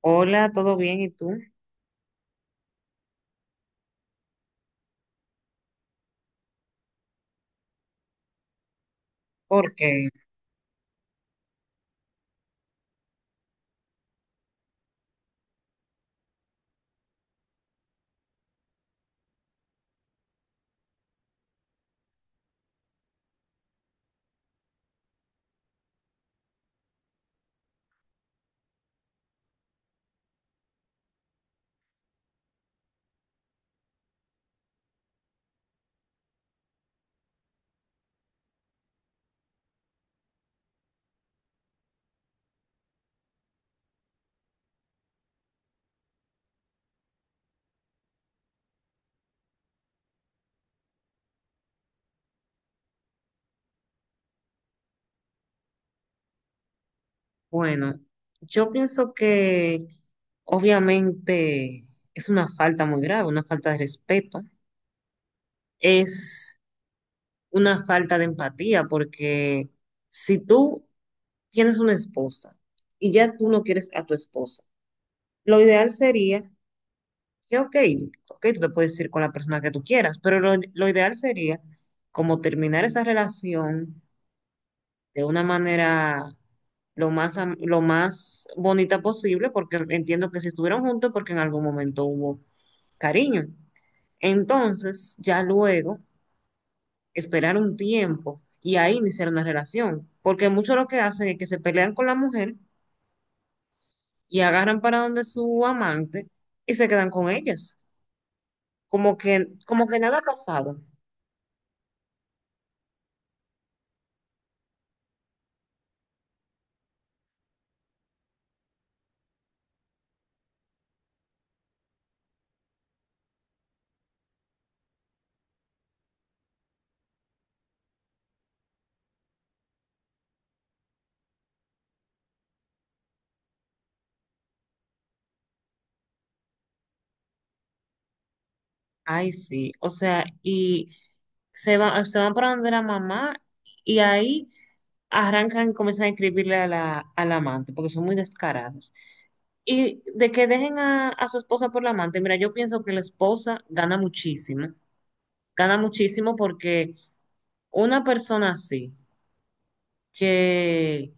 Hola, ¿todo bien? ¿Y tú? Porque, bueno, yo pienso que obviamente es una falta muy grave, una falta de respeto, es una falta de empatía, porque si tú tienes una esposa y ya tú no quieres a tu esposa, lo ideal sería que, ok, ok, tú te puedes ir con la persona que tú quieras, pero lo ideal sería como terminar esa relación de una manera lo más bonita posible, porque entiendo que si estuvieron juntos, porque en algún momento hubo cariño. Entonces, ya luego, esperar un tiempo y ahí iniciar una relación, porque muchos lo que hacen es que se pelean con la mujer y agarran para donde su amante y se quedan con ellas, como que nada ha pasado. Ay, sí, o sea, y se van para donde la mamá y ahí arrancan, comienzan a escribirle a al amante, porque son muy descarados. Y de que dejen a su esposa por la amante, mira, yo pienso que la esposa gana muchísimo porque una persona así, que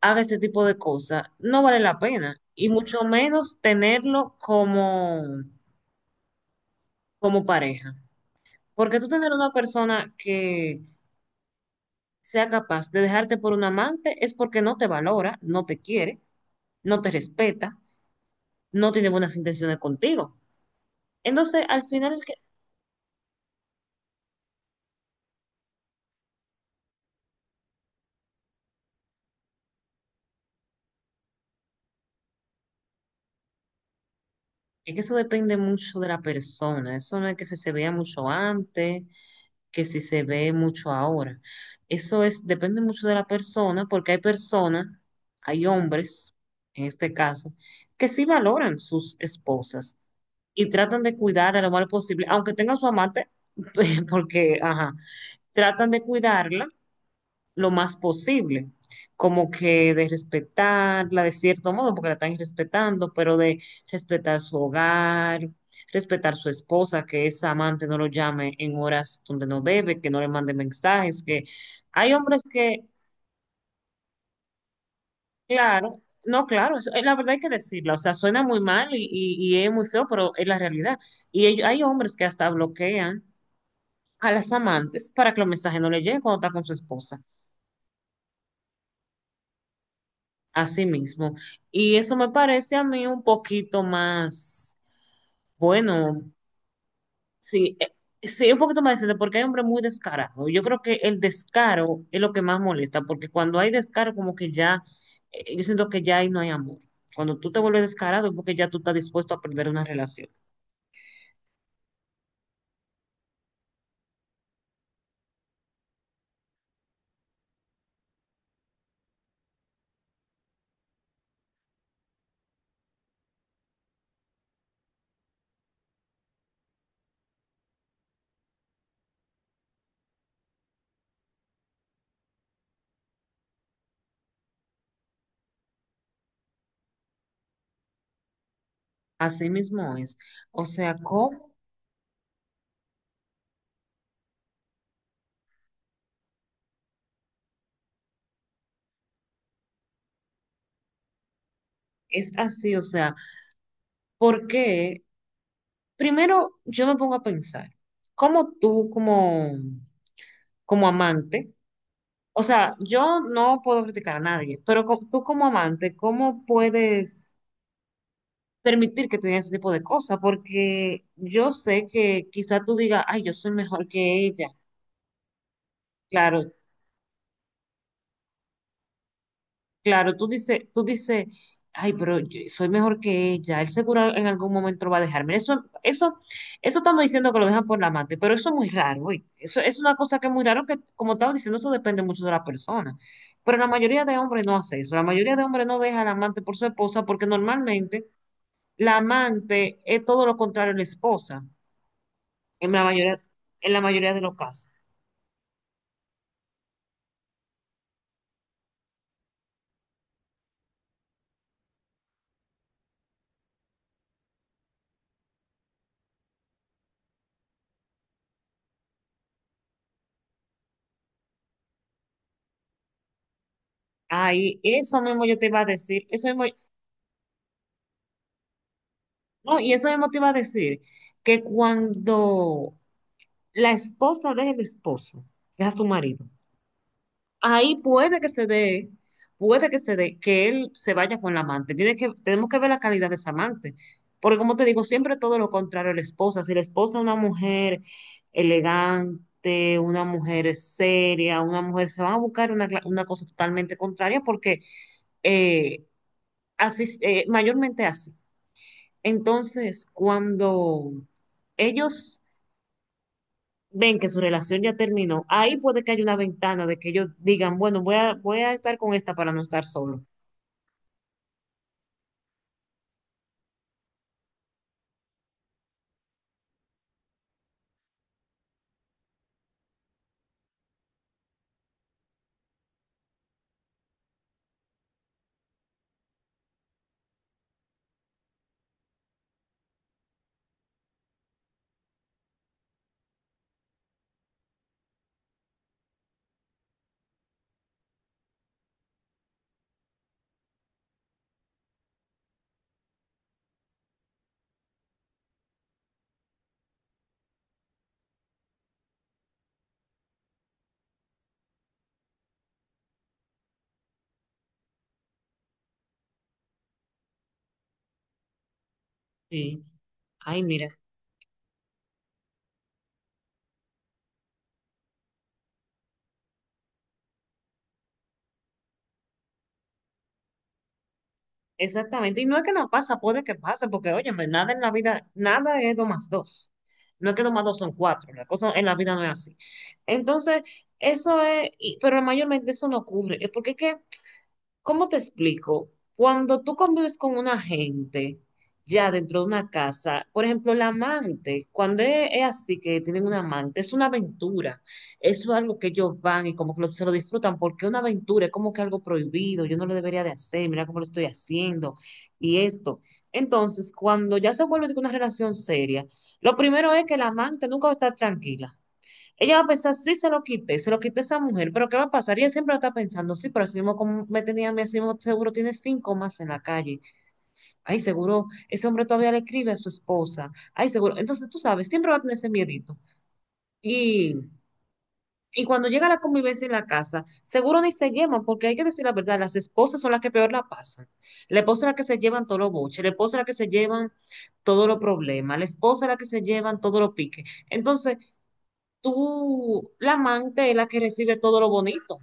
haga ese tipo de cosas, no vale la pena, y mucho menos tenerlo como, como pareja. Porque tú tener una persona que sea capaz de dejarte por un amante es porque no te valora, no te quiere, no te respeta, no tiene buenas intenciones contigo. Entonces, al final, es que eso depende mucho de la persona. Eso no es que si se vea mucho antes, que si se ve mucho ahora. Eso es, depende mucho de la persona, porque hay personas, hay hombres, en este caso, que sí valoran sus esposas y tratan de cuidarla lo más posible, aunque tengan su amante, porque, ajá, tratan de cuidarla lo más posible, como que de respetarla de cierto modo, porque la están respetando, pero de respetar su hogar, respetar su esposa, que esa amante no lo llame en horas donde no debe, que no le mande mensajes, que hay hombres que, claro, no, claro, la verdad hay que decirla, o sea, suena muy mal y es muy feo, pero es la realidad. Hay hombres que hasta bloquean a las amantes para que los mensajes no le lleguen cuando está con su esposa. Así mismo. Y eso me parece a mí un poquito más, bueno, sí, sí, un poquito más decente, porque hay hombres muy descarados. Yo creo que el descaro es lo que más molesta, porque cuando hay descaro, como que ya, yo siento que ya ahí no hay amor. Cuando tú te vuelves descarado es porque ya tú estás dispuesto a perder una relación. Así mismo es. O sea, ¿cómo es así? O sea, porque primero yo me pongo a pensar, ¿cómo tú como amante? O sea, yo no puedo criticar a nadie, pero tú como amante, ¿cómo puedes permitir que te digan ese tipo de cosas? Porque yo sé que quizá tú digas, ay, yo soy mejor que ella. Claro, claro, tú dices, ay, pero yo soy mejor que ella, él seguro en algún momento lo va a dejar. Mira, eso estamos diciendo que lo dejan por la amante, pero eso es muy raro, ¿oíste? Eso es una cosa que es muy raro que, como estaba diciendo, eso depende mucho de la persona. Pero la mayoría de hombres no hace eso, la mayoría de hombres no deja al amante por su esposa porque normalmente la amante es todo lo contrario a la esposa, en la mayoría, en la mayoría de los casos. Ay, eso mismo yo te iba a decir, eso mismo, no, y eso mismo te iba a decir que cuando la esposa del esposo, que es a su marido. Ahí puede que se dé, puede que se dé, que él se vaya con la amante. Tenemos que ver la calidad de esa amante. Porque como te digo, siempre todo lo contrario a la esposa. Si la esposa es una mujer elegante, una mujer seria, una mujer, se van a buscar una cosa totalmente contraria porque eh, así, mayormente así. Entonces, cuando ellos ven que su relación ya terminó, ahí puede que haya una ventana de que ellos digan, bueno, voy a estar con esta para no estar solo. Sí, ay, mira, exactamente. Y no es que no pasa, puede que pase, porque oye, nada en la vida, nada es dos más dos. No es que dos más dos son cuatro, la cosa en la vida no es así. Entonces, eso es, y- pero mayormente eso no ocurre, es porque es que ¿cómo te explico? Cuando tú convives con una gente ya dentro de una casa, por ejemplo, la amante, cuando es así que tienen una amante, es una aventura, es algo que ellos van y como que se lo disfrutan, porque una aventura es como que algo prohibido, yo no lo debería de hacer, mira cómo lo estoy haciendo y esto. Entonces, cuando ya se vuelve de que una relación seria, lo primero es que la amante nunca va a estar tranquila. Ella va a pensar, sí, se lo quité a esa mujer, pero ¿qué va a pasar? Ella siempre va a estar pensando, sí, pero así mismo como me tenía, a mí, así mismo seguro tiene cinco más en la calle. Ay, seguro, ese hombre todavía le escribe a su esposa. Ay, seguro. Entonces, tú sabes, siempre va a tener ese miedito. Y, y cuando llega la convivencia en la casa, seguro ni se llevan, porque hay que decir la verdad, las esposas son las que peor la pasan. La esposa es la que se llevan todos los boches, la esposa es la que se llevan todos los problemas, la esposa es la que se llevan todos los piques. Entonces, tú, la amante es la que recibe todo lo bonito.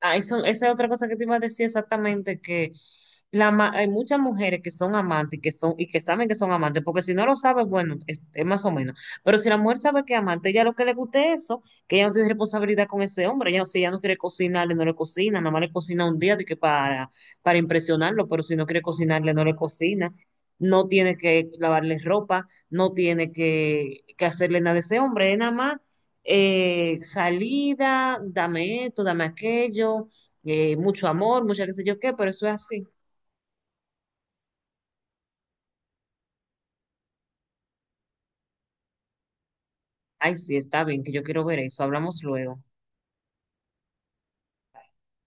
Ah, eso, esa es otra cosa que te iba a decir exactamente, que hay muchas mujeres que son amantes y que son, y que saben que son amantes, porque si no lo sabes, bueno, es más o menos. Pero si la mujer sabe que es amante, ella lo que le guste es eso, que ella no tiene responsabilidad con ese hombre, ella, no, si ella no quiere cocinarle, no le cocina, nada más le cocina un día de que para impresionarlo, pero si no quiere cocinarle, no le cocina. No tiene que lavarle ropa, no tiene que hacerle nada a ese hombre, es nada más salida, dame esto, dame aquello, mucho amor, mucha qué sé yo qué, pero eso es así. Ay, sí, está bien, que yo quiero ver eso. Hablamos luego.